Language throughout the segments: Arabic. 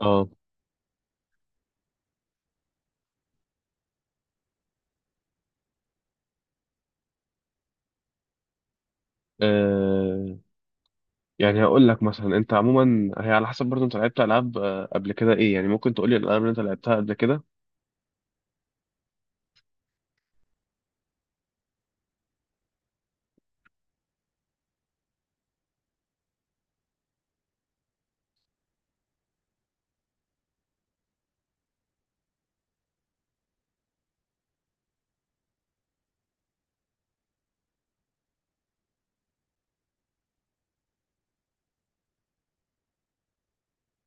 اه آه، يعني هقول لك مثلا انت عموما، هي على حسب. برضو انت لعبت العاب قبل كده ايه؟ يعني ممكن تقول لي الالعاب اللي انت لعبتها قبل كده.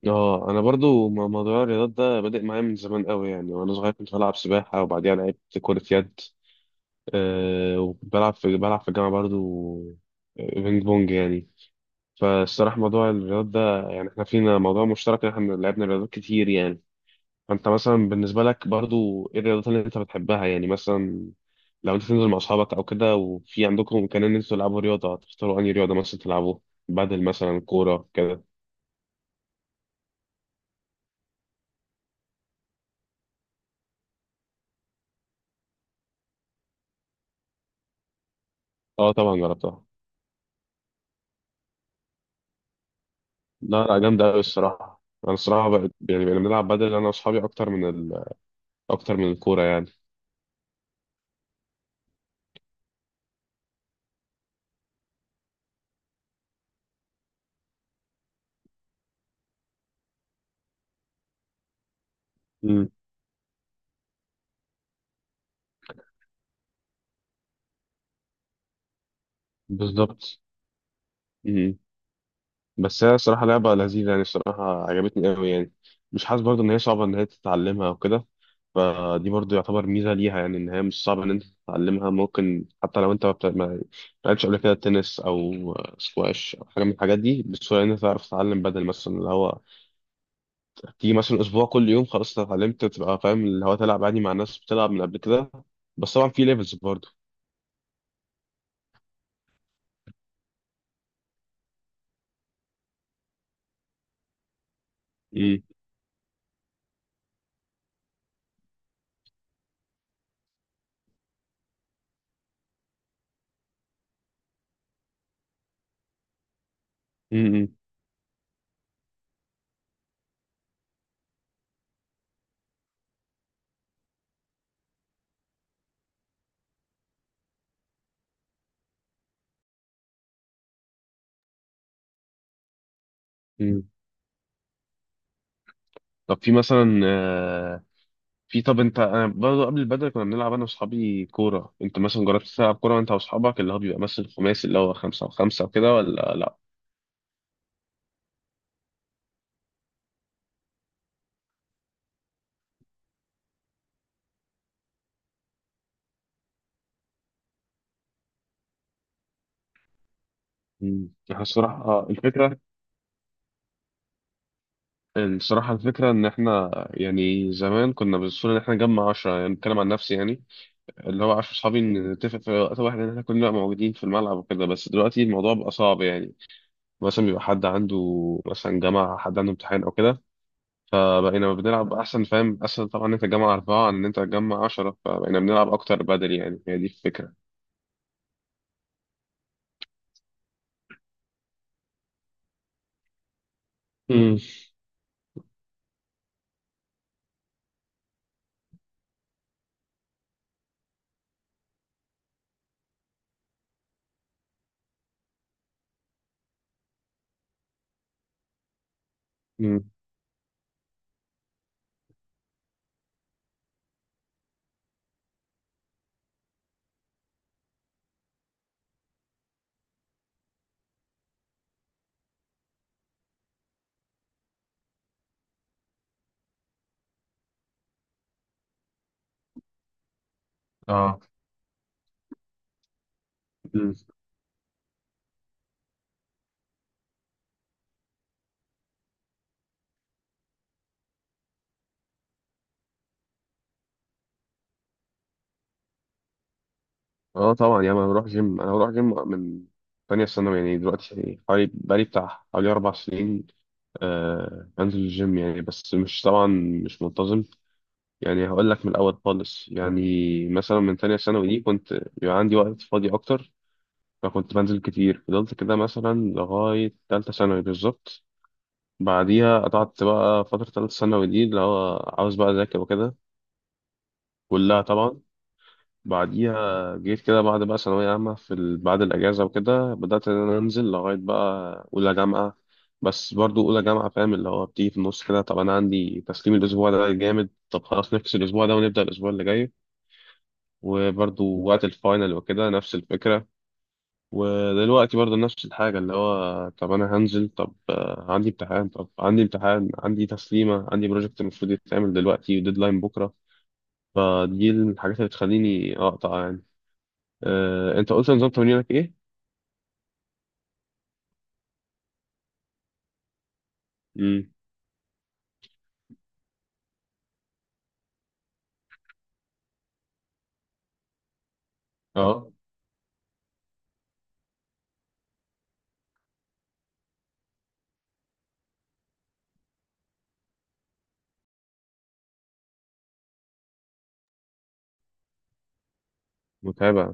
اه انا برضو موضوع الرياضات ده بادئ معايا من زمان قوي يعني. وانا صغير كنت بلعب سباحه وبعديها لعبت كره يد. أه وبلعب في الجامعه برضو بينج بونج يعني. فالصراحه موضوع الرياضات ده يعني احنا فينا موضوع مشترك إن احنا لعبنا رياضات كتير يعني. فانت مثلا بالنسبه لك برضو ايه الرياضات اللي انت بتحبها يعني؟ مثلا لو انت تنزل مع اصحابك او كده، وفي عندكم امكانيه ان انتوا تلعبوا رياضه، هتختاروا انهي رياضه مثلا تلعبوه، بدل مثلا كوره كده؟ اه طبعا جربتها. لا لا، جامده قوي الصراحه. انا الصراحه بقى يعني، بقينا بنلعب بدل انا واصحابي اكتر من الكوره يعني. امم. بالظبط. امم. بس هي الصراحه لعبه لذيذه يعني، الصراحه عجبتني قوي يعني. مش حاسس برضو ان هي صعبه، ان هي تتعلمها او كده. فدي برضو يعتبر ميزة ليها يعني، إن هي مش صعبة إن أنت تتعلمها، ممكن حتى لو أنت ما لعبتش قبل كده تنس أو سكواش أو حاجة من الحاجات دي، بسهولة إن أنت تعرف تتعلم بدل. مثلا اللي هو تيجي مثلا أسبوع كل يوم، خلاص أنت اتعلمت، تبقى فاهم اللي هو تلعب عادي مع ناس بتلعب من قبل كده. بس طبعا في ليفلز برضو. مم. مم. مم. طب في مثلا آه، في طب أنت، أنا برضو قبل البدل كنا بنلعب أنا وأصحابي كورة. أنت مثلا جربت تلعب كورة أنت وأصحابك، اللي هو بيبقى مثلا خماسي، اللي هو خمسة وخمسة وكده، ولا لأ؟ مم. احنا الصراحة آه، الفكرة الصراحة الفكرة، إن إحنا يعني زمان كنا بالصورة إن إحنا نجمع عشرة، يعني بتكلم عن نفسي يعني. اللي هو عشرة صحابي نتفق في وقت واحد إن إحنا كلنا موجودين في الملعب وكده، بس دلوقتي الموضوع بقى صعب يعني. مثلا بيبقى حد عنده مثلا جامعة، حد عنده امتحان أو كده. فبقينا بنلعب، أحسن فاهم، أسهل طبعا إن أنت تجمع أربعة عن إن أنت تجمع عشرة، فبقينا بنلعب أكتر بدل يعني، هي دي الفكرة. مم. مم. اه. اه طبعا، يا ما بروح جيم. انا بروح جيم من تانية ثانوي يعني، دلوقتي حوالي بقالي بتاع حوالي اربع سنين آه بنزل الجيم يعني. بس مش طبعا مش منتظم. يعني هقول لك من الاول خالص يعني. مثلا من تانية ثانوي دي كنت بيبقى عندي وقت فاضي اكتر، فكنت بنزل كتير. فضلت كده مثلا لغاية تالتة ثانوي بالظبط. بعديها قطعت بقى فترة تالتة ثانوي دي، اللي هو عاوز بقى اذاكر وكده كلها طبعا. بعديها جيت كده بعد بقى ثانوية عامة، بعد الأجازة وكده بدأت إن أنا أنزل لغاية بقى أولى جامعة. بس برضو أولى جامعة فاهم اللي هو بتيجي في النص كده، طب أنا عندي تسليم الأسبوع ده جامد، طب خلاص نفس الأسبوع ده ونبدأ الأسبوع اللي جاي. وبرضو وقت الفاينل وكده نفس الفكرة. ودلوقتي برضو نفس الحاجة، اللي هو طب أنا هنزل، طب عندي امتحان، عندي تسليمة، عندي بروجكت المفروض يتعمل دلوقتي وديدلاين بكرة. فدي الحاجات اللي بتخليني أقطع يعني. انت قلت نظام تمرينك ايه؟ امم. اه. متابع.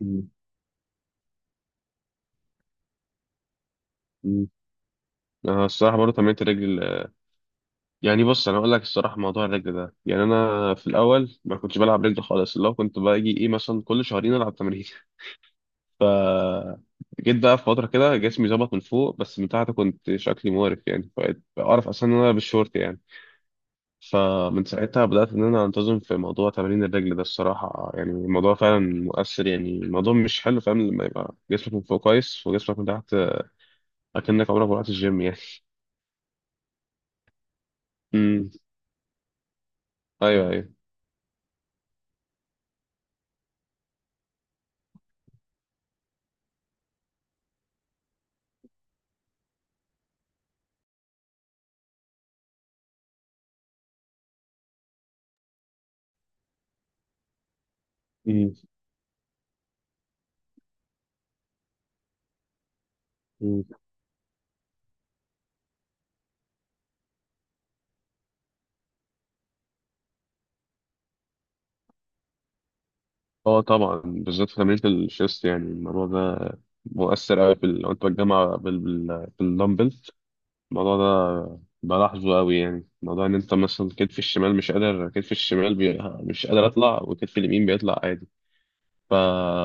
امم. امم. انا الصراحه برضه تمرينت الرجل. يعني بص انا اقول لك الصراحه، موضوع الرجل ده، يعني انا في الاول ما كنتش بلعب رجل خالص، اللي هو كنت باجي ايه مثلا كل شهرين العب تمرين جيت بقى في فتره كده جسمي ظبط من فوق، بس من تحت كنت شكلي مقرف يعني، بقيت اعرف اصلا ان انا بالشورت يعني. فمن ساعتها بدات ان انا انتظم في موضوع تمارين الرجل ده. الصراحه يعني الموضوع فعلا مؤثر يعني. الموضوع مش حلو فاهم لما يبقى جسمك من فوق كويس وجسمك من تحت اكنك عمرك ما رحت الجيم يعني. امم. ايوه، ايوه. امم. أمم. اه طبعا، بالذات في تمرينة الشيست يعني الموضوع ده مؤثر قوي لو انت بتجمع بالدمبل، الموضوع ده بلاحظه قوي يعني. موضوع ان انت مثلا كتفي الشمال مش قادر كتفي الشمال بي... مش قادر اطلع، وكتفي اليمين بيطلع عادي. فا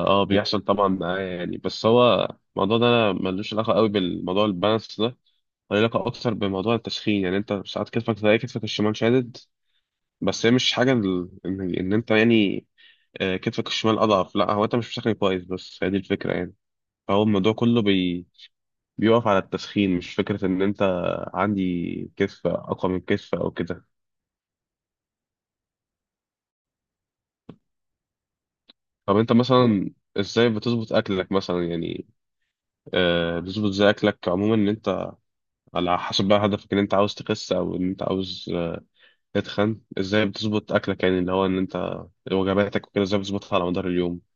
اه بيحصل طبعا معايا يعني. بس هو الموضوع ده ملوش علاقه قوي بالموضوع البالانس ده، له علاقه اكتر بموضوع التسخين. يعني انت ساعات كتفك، تلاقي كتفك الشمال شادد، بس هي مش حاجة ان انت يعني كتفك الشمال اضعف، لا هو انت مش بتسخن كويس، بس هي دي الفكرة يعني. فهو الموضوع كله بيقف على التسخين، مش فكرة ان انت عندي كتف اقوى من كتف او كده. طب انت مثلا ازاي بتظبط اكلك مثلا يعني؟ بتظبط ازاي اكلك عموما، ان انت على حسب بقى هدفك ان انت عاوز تخس او ان انت عاوز تتخن؟ ازاي بتظبط اكلك يعني اللي هو ان انت وجباتك وكده ازاي بتظبطها على مدار اليوم؟